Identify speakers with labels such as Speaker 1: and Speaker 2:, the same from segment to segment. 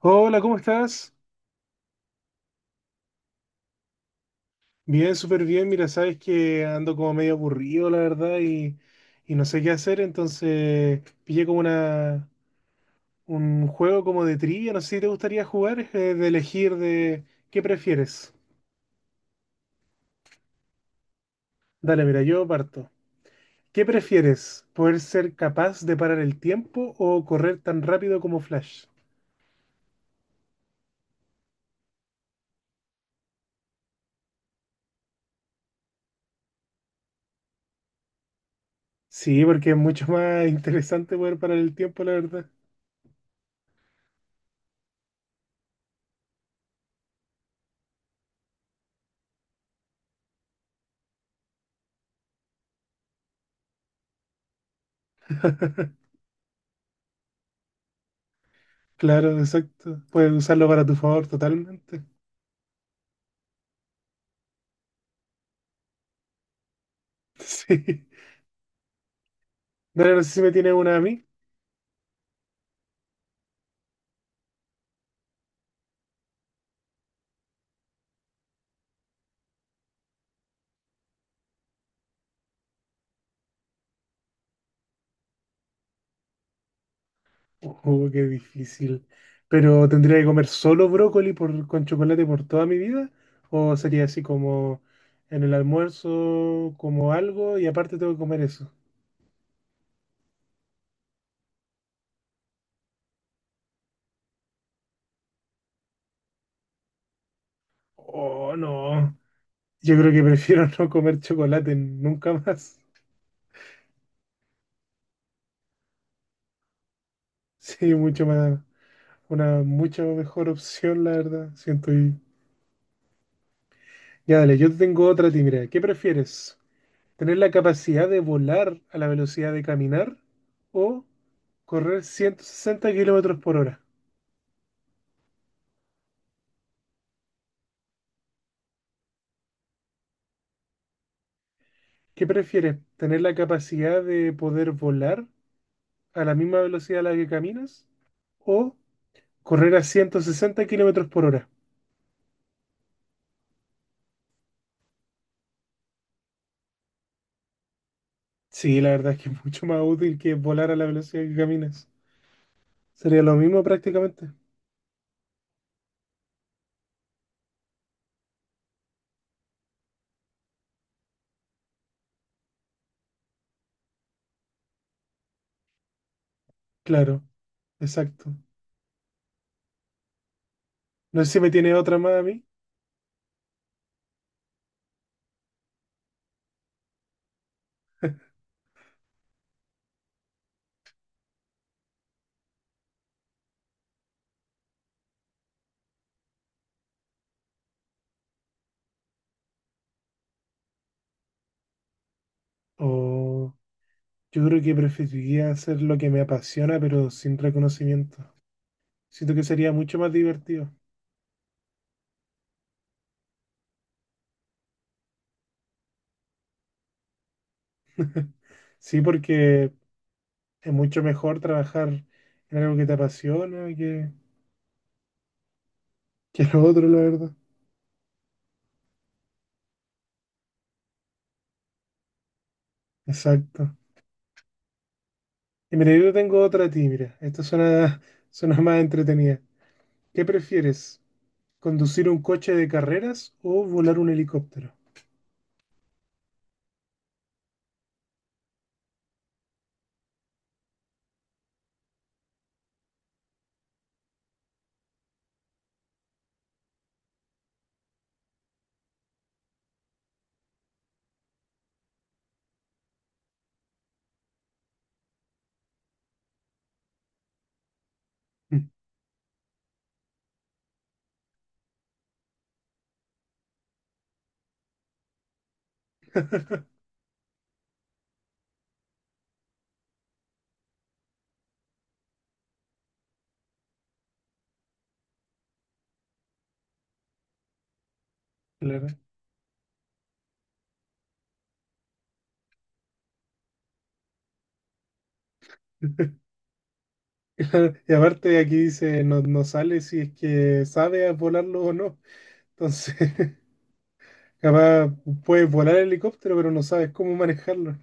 Speaker 1: Hola, ¿cómo estás? Bien, súper bien. Mira, sabes que ando como medio aburrido, la verdad, y no sé qué hacer, entonces pillé un juego como de trivia, no sé si te gustaría jugar, de elegir de qué prefieres. Dale, mira, yo parto. ¿Qué prefieres? ¿Poder ser capaz de parar el tiempo o correr tan rápido como Flash? Sí, porque es mucho más interesante poder parar el tiempo, la verdad. Claro, exacto. Puedes usarlo para tu favor totalmente. Sí. Dale, no sé si me tienes una a mí. Oh, qué difícil. Pero ¿tendría que comer solo brócoli con chocolate por toda mi vida? ¿O sería así como en el almuerzo, como algo y aparte tengo que comer eso? Oh, no. Yo creo que prefiero no comer chocolate nunca más. Sí, mucho más. Una mucha mejor opción, la verdad. Siento y... Ya, dale, yo te tengo otra a ti, mira. ¿Qué prefieres? Tener la capacidad de volar a la velocidad de caminar o correr 160 kilómetros por hora. ¿Qué prefieres? ¿Tener la capacidad de poder volar a la misma velocidad a la que caminas o correr a 160 kilómetros por hora? Sí, la verdad es que es mucho más útil que volar a la velocidad que caminas. Sería lo mismo prácticamente. Claro, exacto. No sé si me tiene otra más a mí. O yo creo que preferiría hacer lo que me apasiona, pero sin reconocimiento. Siento que sería mucho más divertido. Sí, porque es mucho mejor trabajar en algo que te apasiona que lo otro, la verdad. Exacto. Y mira, yo tengo otra a ti, mira. Esta suena, suena más entretenida. ¿Qué prefieres? ¿Conducir un coche de carreras o volar un helicóptero? Mm. Claro. Claro, y aparte aquí dice, no, no sale si es que sabes volarlo o no. Entonces, capaz puedes volar el helicóptero, pero no sabes cómo manejarlo.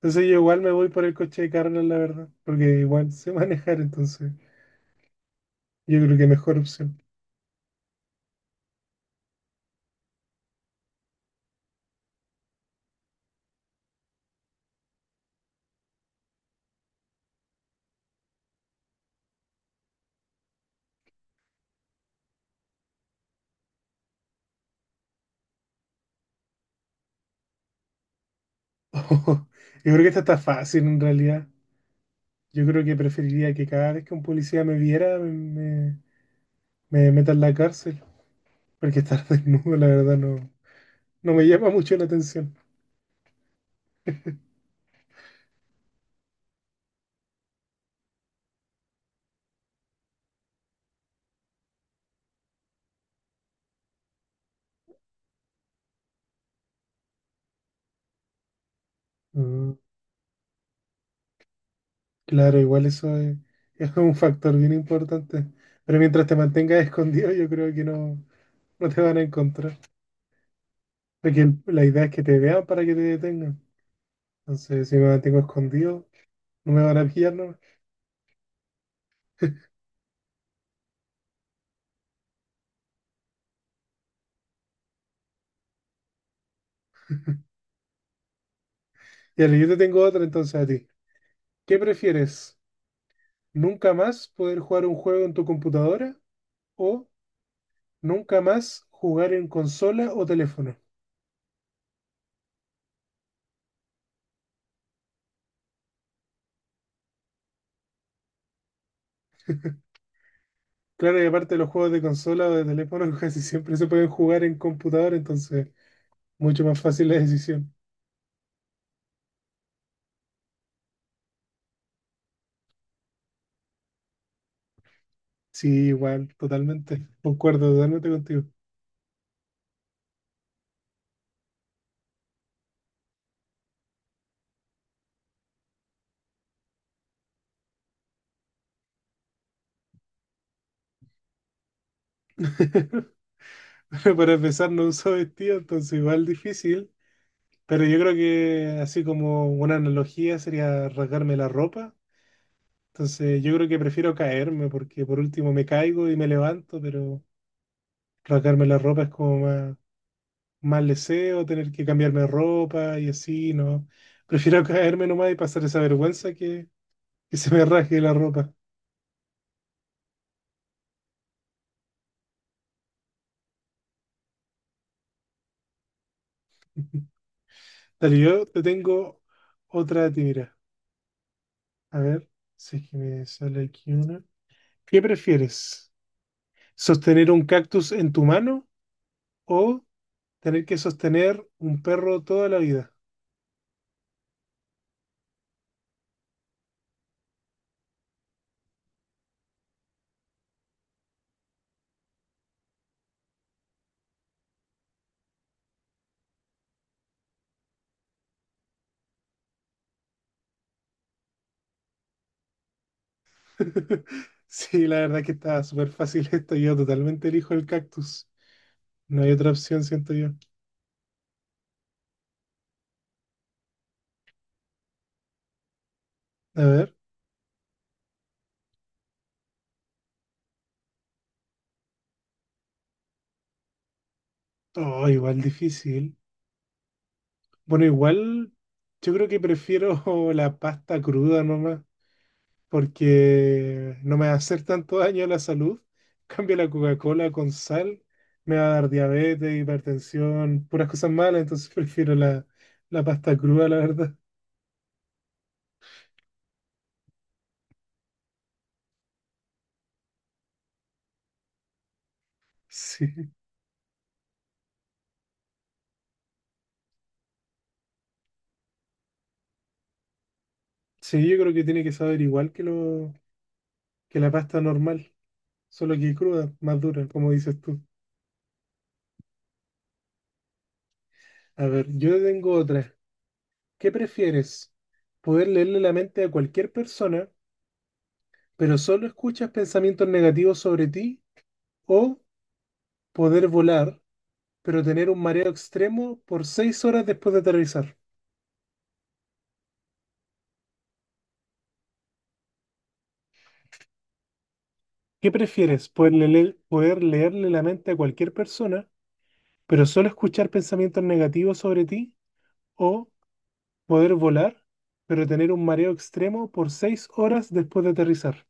Speaker 1: Entonces yo igual me voy por el coche de carreras, la verdad, porque igual sé manejar, entonces yo creo que mejor opción. Yo creo que esta está fácil en realidad. Yo creo que preferiría que cada vez que un policía me viera me meta en la cárcel, porque estar desnudo, la verdad, no, no me llama mucho la atención. Mm, claro, igual eso es un factor bien importante, pero mientras te mantengas escondido, yo creo que no, no te van a encontrar, porque la idea es que te vean para que te detengan. Entonces, si me mantengo escondido... No me van a pillar, ¿no? Y yo te tengo otra entonces a ti. ¿Qué prefieres? ¿Nunca más poder jugar un juego en tu computadora o nunca más jugar en consola o teléfono? Claro, y aparte los juegos de consola o de teléfono casi siempre se pueden jugar en computadora, entonces mucho más fácil la decisión. Sí, igual, totalmente. Concuerdo totalmente contigo. Pero para empezar, no uso vestido, entonces igual difícil. Pero yo creo que así como una analogía sería rasgarme la ropa. Entonces yo creo que prefiero caerme porque por último me caigo y me levanto, pero rasgarme la ropa es como más leseo, tener que cambiarme de ropa y así, ¿no? Prefiero caerme nomás y pasar esa vergüenza que se me rasgue la ropa. Dale, yo te tengo otra de ti, mira. A ver, si es que me sale aquí una. ¿Qué prefieres? ¿Sostener un cactus en tu mano o tener que sostener un perro toda la vida? Sí, la verdad que está súper fácil esto. Yo totalmente elijo el cactus. No hay otra opción, siento yo. A ver. Oh, igual difícil. Bueno, igual yo creo que prefiero la pasta cruda nomás, porque no me va a hacer tanto daño a la salud. En cambio, la Coca-Cola con sal me va a dar diabetes, hipertensión, puras cosas malas, entonces prefiero la pasta cruda, la verdad. Sí. Sí, yo creo que tiene que saber igual que la pasta normal. Solo que cruda, más dura, como dices tú. A ver, yo tengo otra. ¿Qué prefieres? ¿Poder leerle la mente a cualquier persona, pero solo escuchas pensamientos negativos sobre ti? ¿O poder volar, pero tener un mareo extremo por 6 horas después de aterrizar? ¿Qué prefieres? Poder leerle la mente a cualquier persona, pero solo escuchar pensamientos negativos sobre ti? ¿O poder volar, pero tener un mareo extremo por seis horas después de aterrizar?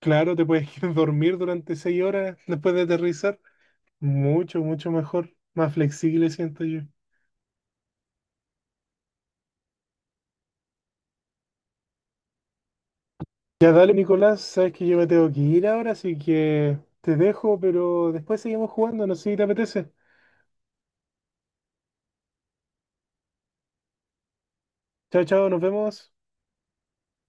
Speaker 1: Claro, te puedes ir a dormir durante 6 horas después de aterrizar. Mucho, mucho mejor. Más flexible siento yo. Ya dale, Nicolás, sabes que yo me tengo que ir ahora, así que te dejo, pero después seguimos jugando, no sé si te apetece. Chao, chao, nos vemos.